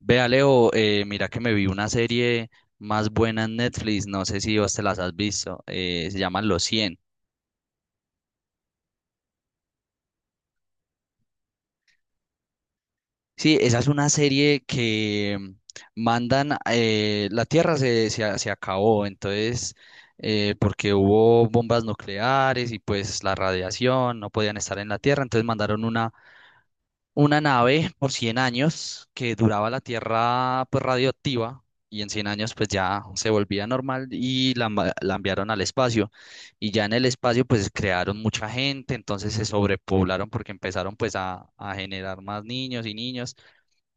Vea, Leo, mira que me vi una serie más buena en Netflix, no sé si vos te las has visto, se llaman Los Cien. Sí, esa es una serie que mandan, la Tierra se acabó, entonces, porque hubo bombas nucleares y pues la radiación, no podían estar en la Tierra, entonces mandaron una nave por 100 años, que duraba la Tierra pues radioactiva, y en 100 años pues ya se volvía normal, y la enviaron al espacio. Y ya en el espacio pues crearon mucha gente, entonces se sobrepoblaron porque empezaron pues a generar más niños y niños.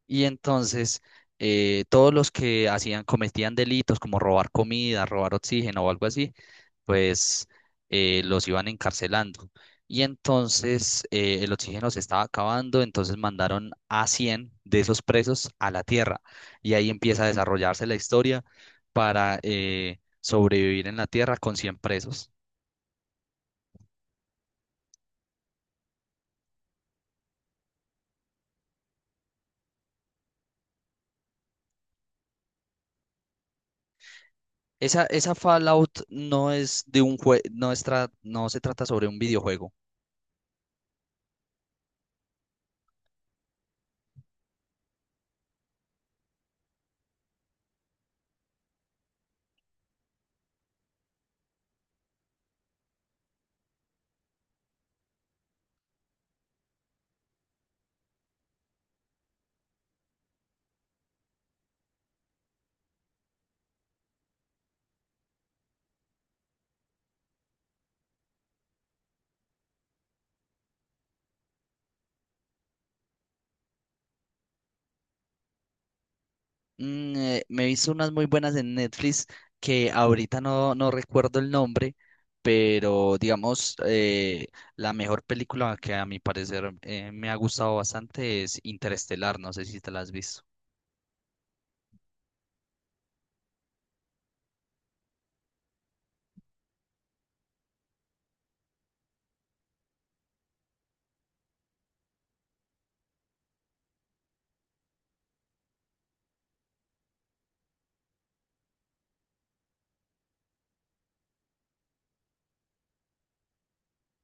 Y entonces todos los que hacían cometían delitos, como robar comida, robar oxígeno o algo así, pues los iban encarcelando. Y entonces el oxígeno se estaba acabando, entonces mandaron a 100 de esos presos a la Tierra. Y ahí empieza a desarrollarse la historia para sobrevivir en la Tierra con 100 presos. Esa Fallout no es de un jue- no, es tra- no se trata sobre un videojuego. Me he visto unas muy buenas en Netflix que ahorita no recuerdo el nombre, pero digamos, la mejor película que a mi parecer, me ha gustado bastante, es Interestelar. No sé si te la has visto.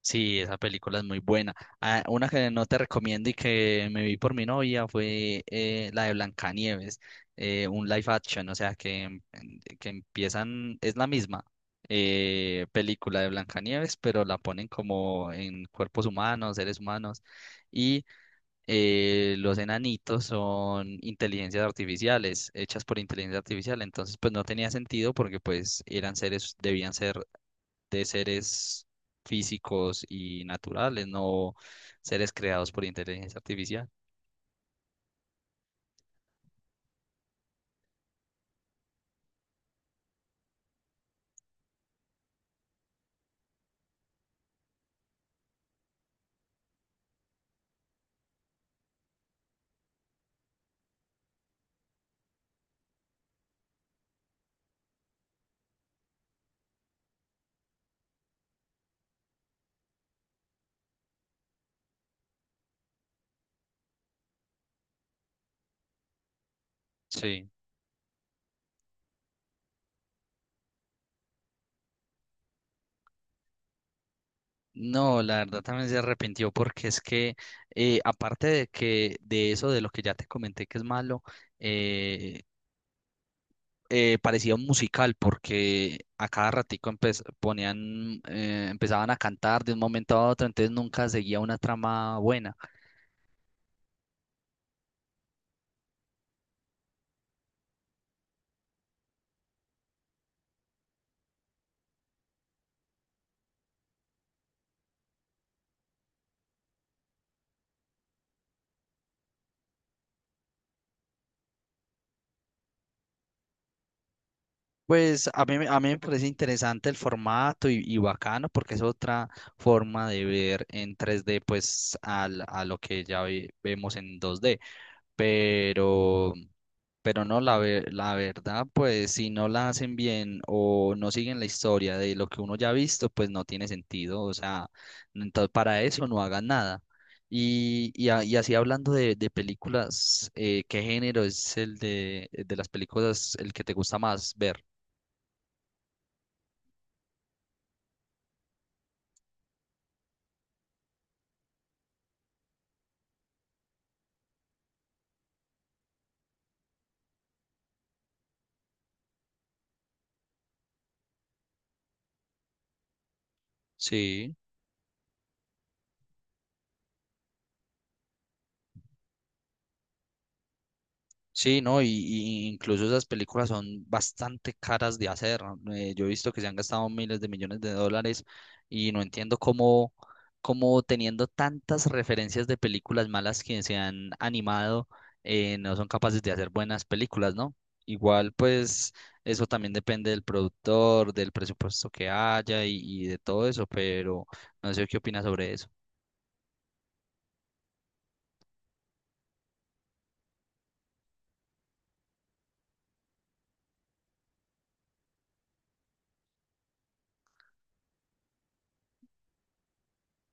Sí, esa película es muy buena. Ah, una que no te recomiendo y que me vi por mi novia fue la de Blancanieves, un live action. O sea, que empiezan, es la misma película de Blancanieves, pero la ponen como en cuerpos humanos, seres humanos, y los enanitos son inteligencias artificiales, hechas por inteligencia artificial, entonces pues no tenía sentido, porque pues eran seres, debían ser de seres físicos y naturales, no seres creados por inteligencia artificial. Sí. No, la verdad también se arrepintió porque es que aparte de que de eso, de lo que ya te comenté que es malo, eh, parecía un musical, porque a cada ratico ponían, empezaban a cantar de un momento a otro, entonces nunca seguía una trama buena. Pues a mí me parece interesante el formato y bacano, porque es otra forma de ver en 3D pues a lo que ya vemos en 2D. Pero, pero no, la verdad, pues si no la hacen bien o no siguen la historia de lo que uno ya ha visto, pues no tiene sentido. O sea, entonces para eso no hagan nada. Y así hablando de, películas, ¿qué género es el de las películas el que te gusta más ver? Sí, sí, no, y incluso esas películas son bastante caras de hacer, ¿no? Yo he visto que se han gastado miles de millones de dólares, y no entiendo cómo teniendo tantas referencias de películas malas que se han animado, no son capaces de hacer buenas películas, ¿no? Igual, pues, eso también depende del productor, del presupuesto que haya y de todo eso, pero no sé qué opinas sobre eso.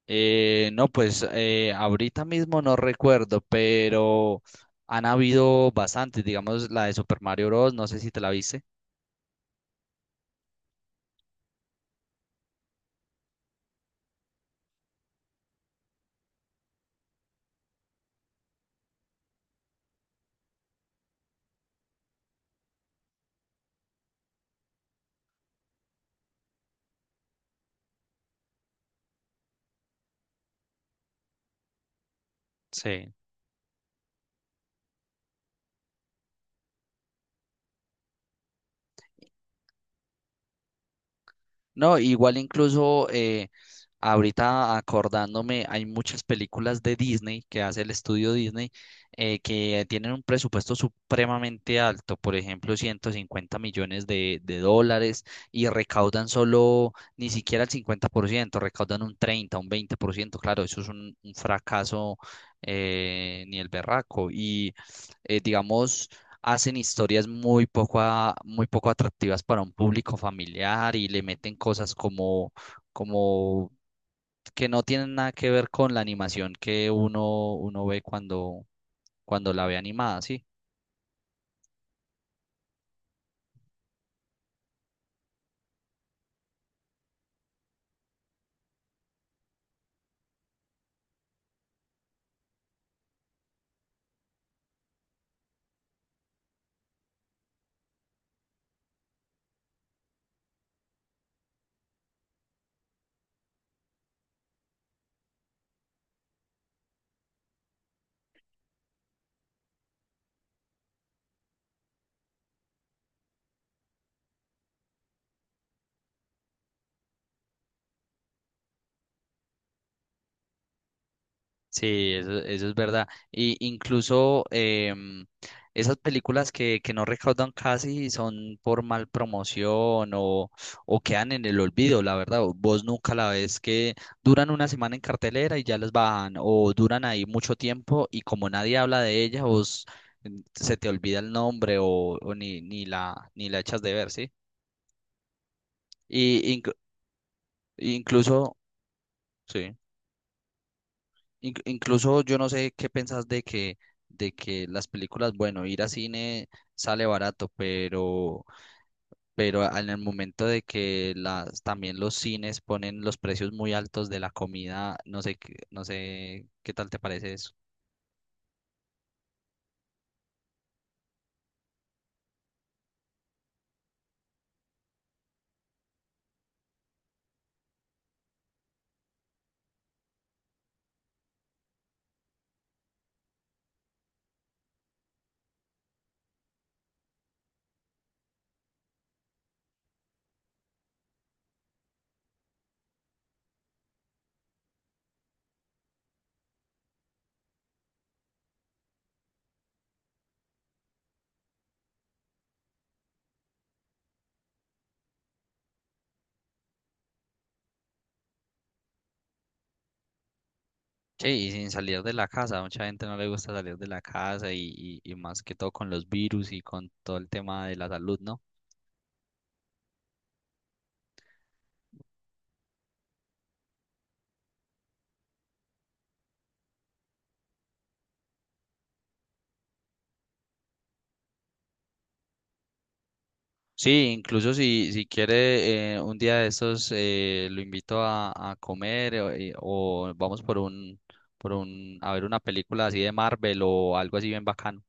No, pues ahorita mismo no recuerdo, pero han habido bastantes, digamos la de Super Mario Bros. No sé si te la viste. Sí. No, igual incluso ahorita acordándome, hay muchas películas de Disney que hace el estudio Disney, que tienen un presupuesto supremamente alto, por ejemplo, 150 millones de dólares, y recaudan solo ni siquiera el 50%, recaudan un 30, un 20%. Claro, eso es un fracaso, ni el berraco. Y digamos, hacen historias muy poco, muy poco atractivas para un público familiar, y le meten cosas como que no tienen nada que ver con la animación que uno ve cuando la ve animada, ¿sí? Sí, eso es verdad. Y incluso em, esas películas que no recaudan casi son por mal promoción, o quedan en el olvido, la verdad. O vos nunca la ves, que duran una semana en cartelera y ya las bajan, o duran ahí mucho tiempo y como nadie habla de ellas, vos, se te olvida el nombre, o ni la echas de ver, ¿sí? Y incluso, sí. Incluso, yo no sé qué pensás de que las películas, bueno, ir a cine sale barato, pero en el momento de que también los cines ponen los precios muy altos de la comida. No sé, no sé qué tal te parece eso. Sí, y sin salir de la casa, a mucha gente no le gusta salir de la casa, y más que todo con los virus y con todo el tema de la salud, ¿no? Sí, incluso si quiere, un día de estos, lo invito a comer, o vamos por un a ver una película así de Marvel o algo así bien bacano.